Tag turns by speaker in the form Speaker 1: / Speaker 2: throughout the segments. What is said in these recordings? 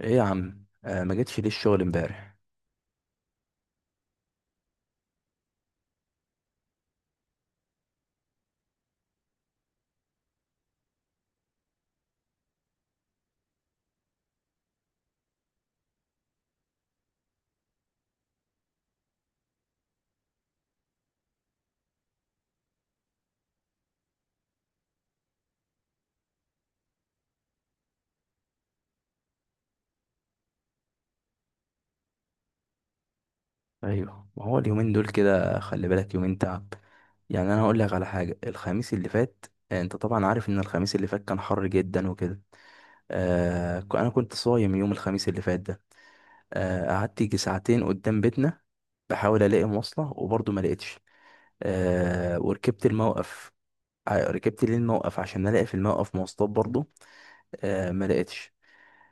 Speaker 1: ايه يا عم، ما جيتش ليه الشغل امبارح؟ ايوه، ما هو اليومين دول كده. خلي بالك يومين تعب. يعني انا هقول لك على حاجه. الخميس اللي فات، انت طبعا عارف ان الخميس اللي فات كان حر جدا وكده. انا كنت صايم يوم الخميس اللي فات ده. قعدت يجي ساعتين قدام بيتنا، بحاول الاقي مواصله وبرضه ما لقيتش. وركبت الموقف، ركبت ليه الموقف عشان الاقي في الموقف مواصلات برضه. ما لقيتش.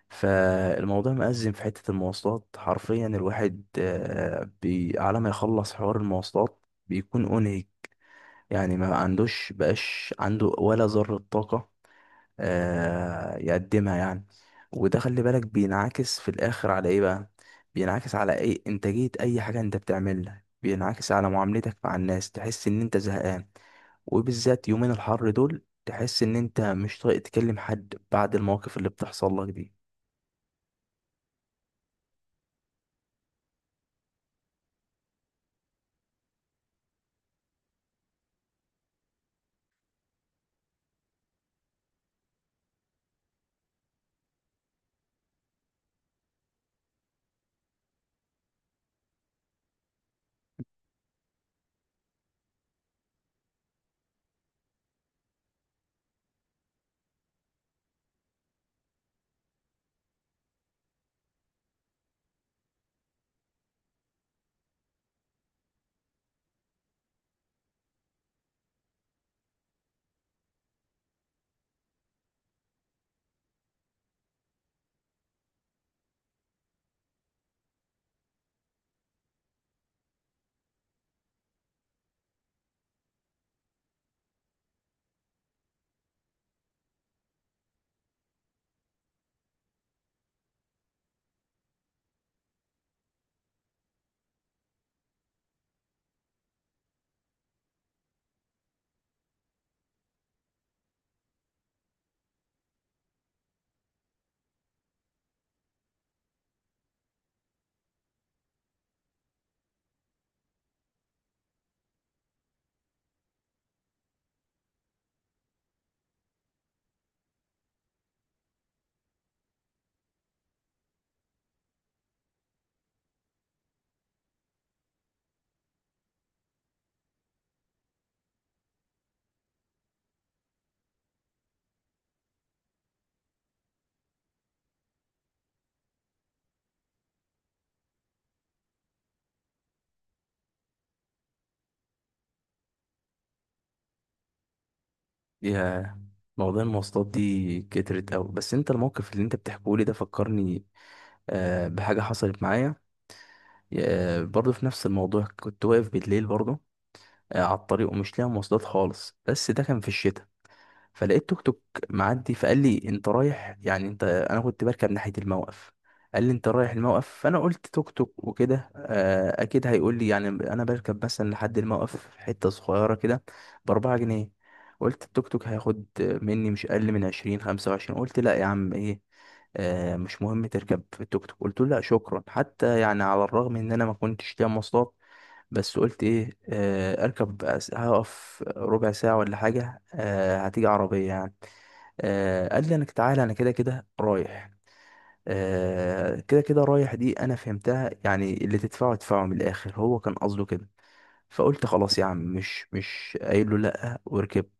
Speaker 1: فالموضوع مأزم في حتة المواصلات، حرفيا الواحد على ما يخلص حوار المواصلات بيكون أنهك. يعني ما عندوش بقاش، عنده ولا ذرة طاقة يقدمها يعني. وده خلي بالك بينعكس في الآخر على إيه بقى؟ بينعكس على إيه؟ إنتاجية أي حاجة أنت بتعملها، بينعكس على معاملتك مع الناس، تحس إن أنت زهقان. وبالذات يومين الحر دول تحس إن أنت مش طايق تكلم حد بعد المواقف اللي بتحصل لك دي. يا موضوع المواصلات دي كترت أوي، بس انت الموقف اللي انت بتحكيه لي ده فكرني بحاجة حصلت معايا. برضه في نفس الموضوع، كنت واقف بالليل برضه على الطريق ومش لاقي مواصلات خالص، بس ده كان في الشتاء. فلقيت توك توك معدي، فقال لي انت رايح؟ يعني انا كنت بركب ناحية الموقف. قال لي انت رايح الموقف، فانا قلت توك توك وكده اكيد هيقول لي، يعني انا بركب مثلا لحد الموقف حتة صغيرة كده، ب4 جنيه. قلت التوك توك هياخد مني مش اقل من 20، 25. قلت لا يا عم، ايه مش مهم تركب التوك توك. قلت له لا شكرا، حتى يعني على الرغم ان انا ما كنتش ليا مواصلات، بس قلت ايه، اركب، هقف ربع ساعة ولا حاجة، هتيجي عربية يعني. قال لي انك تعالى انا كده كده رايح. كده كده رايح دي انا فهمتها، يعني اللي تدفعه ادفعه، من الاخر هو كان قصده كده. فقلت خلاص يا عم، مش قايل له لا، وركبت.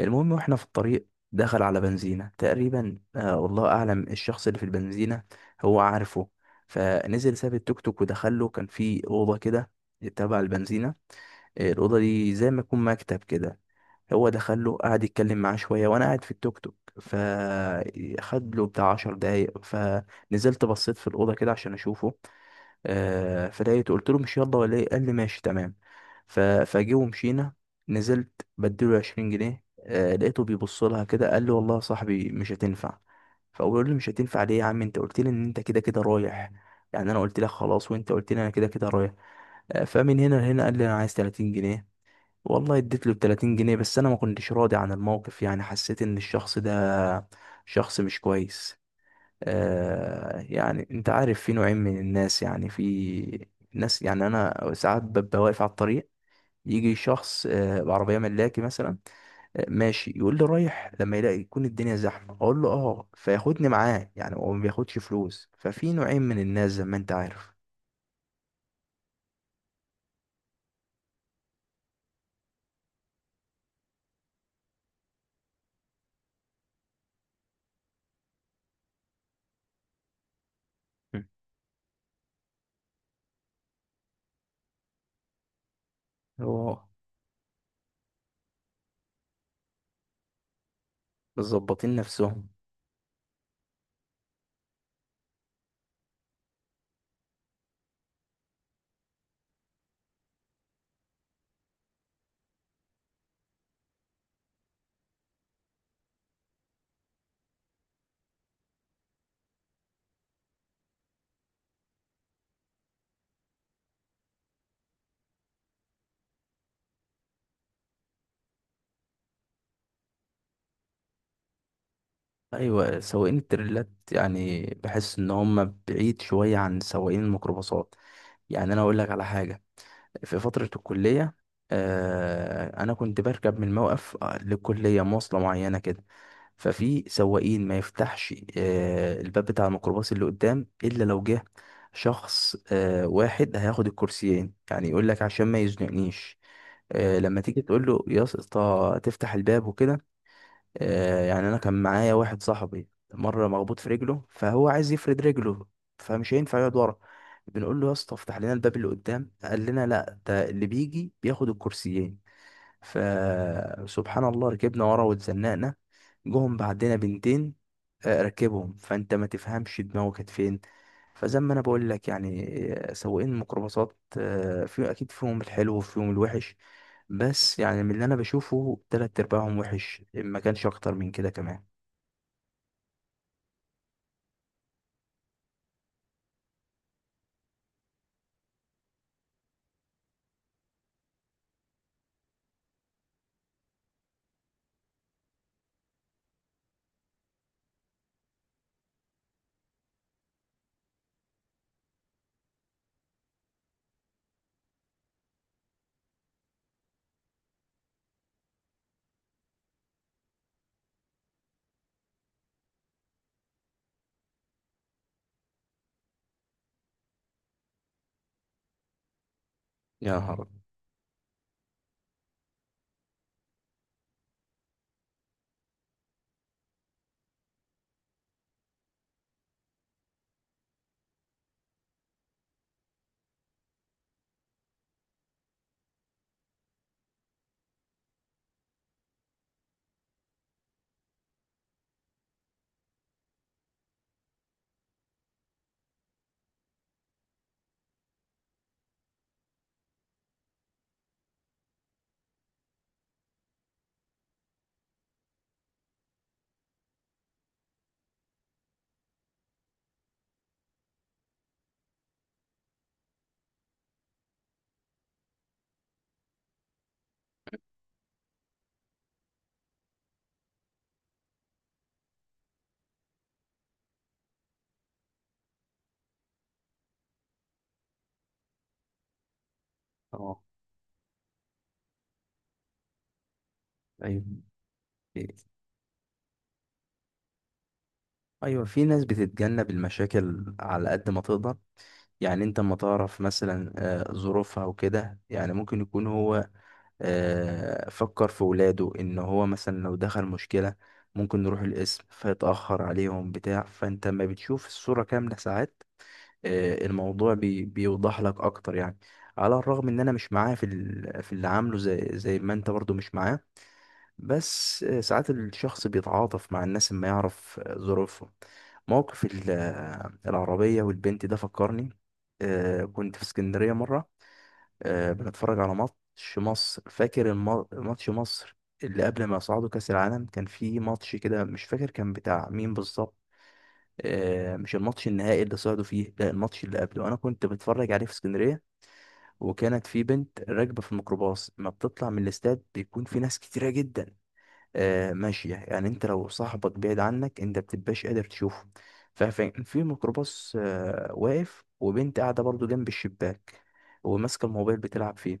Speaker 1: المهم، واحنا في الطريق دخل على بنزينة تقريبا، والله اعلم الشخص اللي في البنزينة هو عارفه. فنزل ساب التوك توك ودخل له، كان في اوضة كده تبع البنزينة. الأوضة دي زي ما يكون مكتب كده. هو دخله قعد يتكلم معاه شوية وأنا قاعد في التوك توك. فخد له بتاع 10 دقايق، فنزلت بصيت في الأوضة كده عشان أشوفه. فلقيته قلت له مش يلا ولا إيه؟ قال لي ماشي تمام. فجه ومشينا. نزلت بديله 20 جنيه، لقيته بيبص لها كده قال لي والله يا صاحبي مش هتنفع. فأقول له مش هتنفع ليه يا عم؟ أنت قلت لي إن أنت كده كده رايح، يعني أنا قلت لك خلاص وأنت قلت لي أنا كده كده رايح. فمن هنا لهنا قال لي أنا عايز 30 جنيه. والله اديت له 30 جنيه، بس انا ما كنتش راضي عن الموقف، يعني حسيت ان الشخص ده شخص مش كويس. يعني انت عارف في نوعين من الناس، يعني في ناس، يعني انا ساعات ببقى واقف على الطريق، يجي شخص بعربية ملاكي مثلا ماشي يقول لي رايح، لما يلاقي يكون الدنيا زحمة اقول له اه فياخدني معاه، يعني هو ما بياخدش فلوس. ففي نوعين من الناس زي ما انت عارف. م. هو مظبطين نفسهم. ايوه، سواقين التريلات يعني بحس ان هم بعيد شويه عن سواقين الميكروباصات. يعني انا اقول لك على حاجه. في فتره الكليه، انا كنت بركب من الموقف للكليه مواصله معينه كده. ففي سواقين ما يفتحش الباب بتاع الميكروباص اللي قدام الا لو جه شخص واحد هياخد الكرسيين، يعني يقول لك عشان ما يزنقنيش. لما تيجي تقول له يا اسطى تفتح الباب وكده. يعني انا كان معايا واحد صاحبي مره، مخبوط في رجله فهو عايز يفرد رجله، فمش هينفع يقعد ورا. بنقول له يا اسطى افتح لنا الباب اللي قدام، قال لنا لا، ده اللي بيجي بياخد الكرسيين. فسبحان الله، ركبنا ورا واتزنقنا. جم بعدنا بنتين، ركبهم. فانت ما تفهمش دماغه كانت فين. فزي ما انا بقول لك يعني سواقين الميكروباصات في اكيد فيهم الحلو وفيهم الوحش. بس يعني من اللي انا بشوفه تلات ارباعهم وحش، ما كانش اكتر من كده كمان. يا نهار أبيض. اه. ايوه، ايوه، في ناس بتتجنب المشاكل على قد ما تقدر. يعني انت ما تعرف مثلا ظروفها وكده، يعني ممكن يكون هو فكر في ولاده، ان هو مثلا لو دخل مشكلة ممكن نروح القسم فيتأخر عليهم بتاع. فانت لما بتشوف الصورة كاملة ساعات الموضوع بيوضح لك اكتر يعني. على الرغم ان انا مش معاه في اللي عامله، زي ما انت برضو مش معاه. بس ساعات الشخص بيتعاطف مع الناس، ما يعرف ظروفهم. موقف العربية والبنت ده فكرني كنت في اسكندرية مرة، بنتفرج على ماتش مصر، فاكر ماتش مصر اللي قبل ما يصعدوا كأس العالم، كان في ماتش كده مش فاكر كان بتاع مين بالظبط. مش الماتش النهائي اللي صعدوا فيه، لا الماتش اللي قبله، انا كنت بتفرج عليه في اسكندريه. وكانت في بنت راكبه في الميكروباص. ما بتطلع من الاستاد بيكون في ناس كتيره جدا ماشيه، يعني انت لو صاحبك بعيد عنك انت بتبقاش قادر تشوفه. فكان في ميكروباص واقف وبنت قاعده برضو جنب الشباك وماسكه الموبايل بتلعب فيه.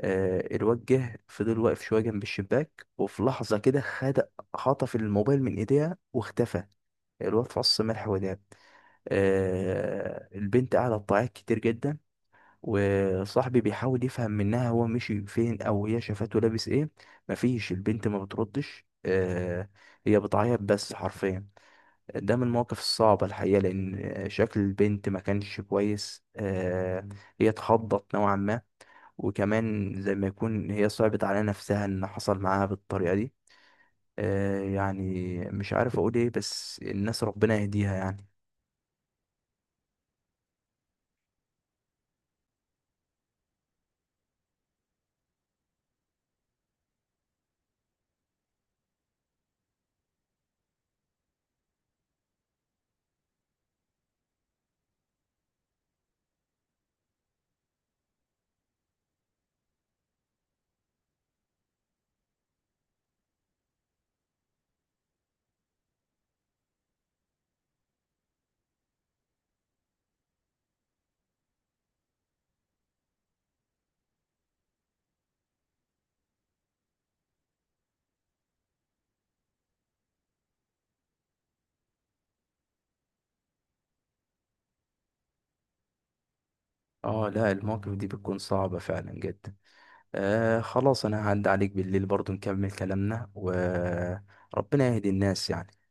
Speaker 1: الواد جه فضل واقف شويه جنب الشباك، وفي لحظه كده خطف الموبايل من ايديها واختفى. الواد فص ملح وداب. البنت قاعده تعيط كتير جدا، وصاحبي بيحاول يفهم منها هو مشي فين او هي شافته لابس ايه. مفيش، البنت ما بتردش هي بتعيط بس حرفيا. ده من المواقف الصعبة الحقيقة، لأن شكل البنت ما كانش كويس هي اتخضت نوعا ما، وكمان زي ما يكون هي صعبت على نفسها ان حصل معاها بالطريقة دي. يعني مش عارف اقول ايه، بس الناس ربنا يهديها يعني. اه، لا، المواقف دي بتكون صعبة فعلا جدا. خلاص، انا هعدي عليك بالليل برضو نكمل كلامنا وربنا يهدي الناس يعني.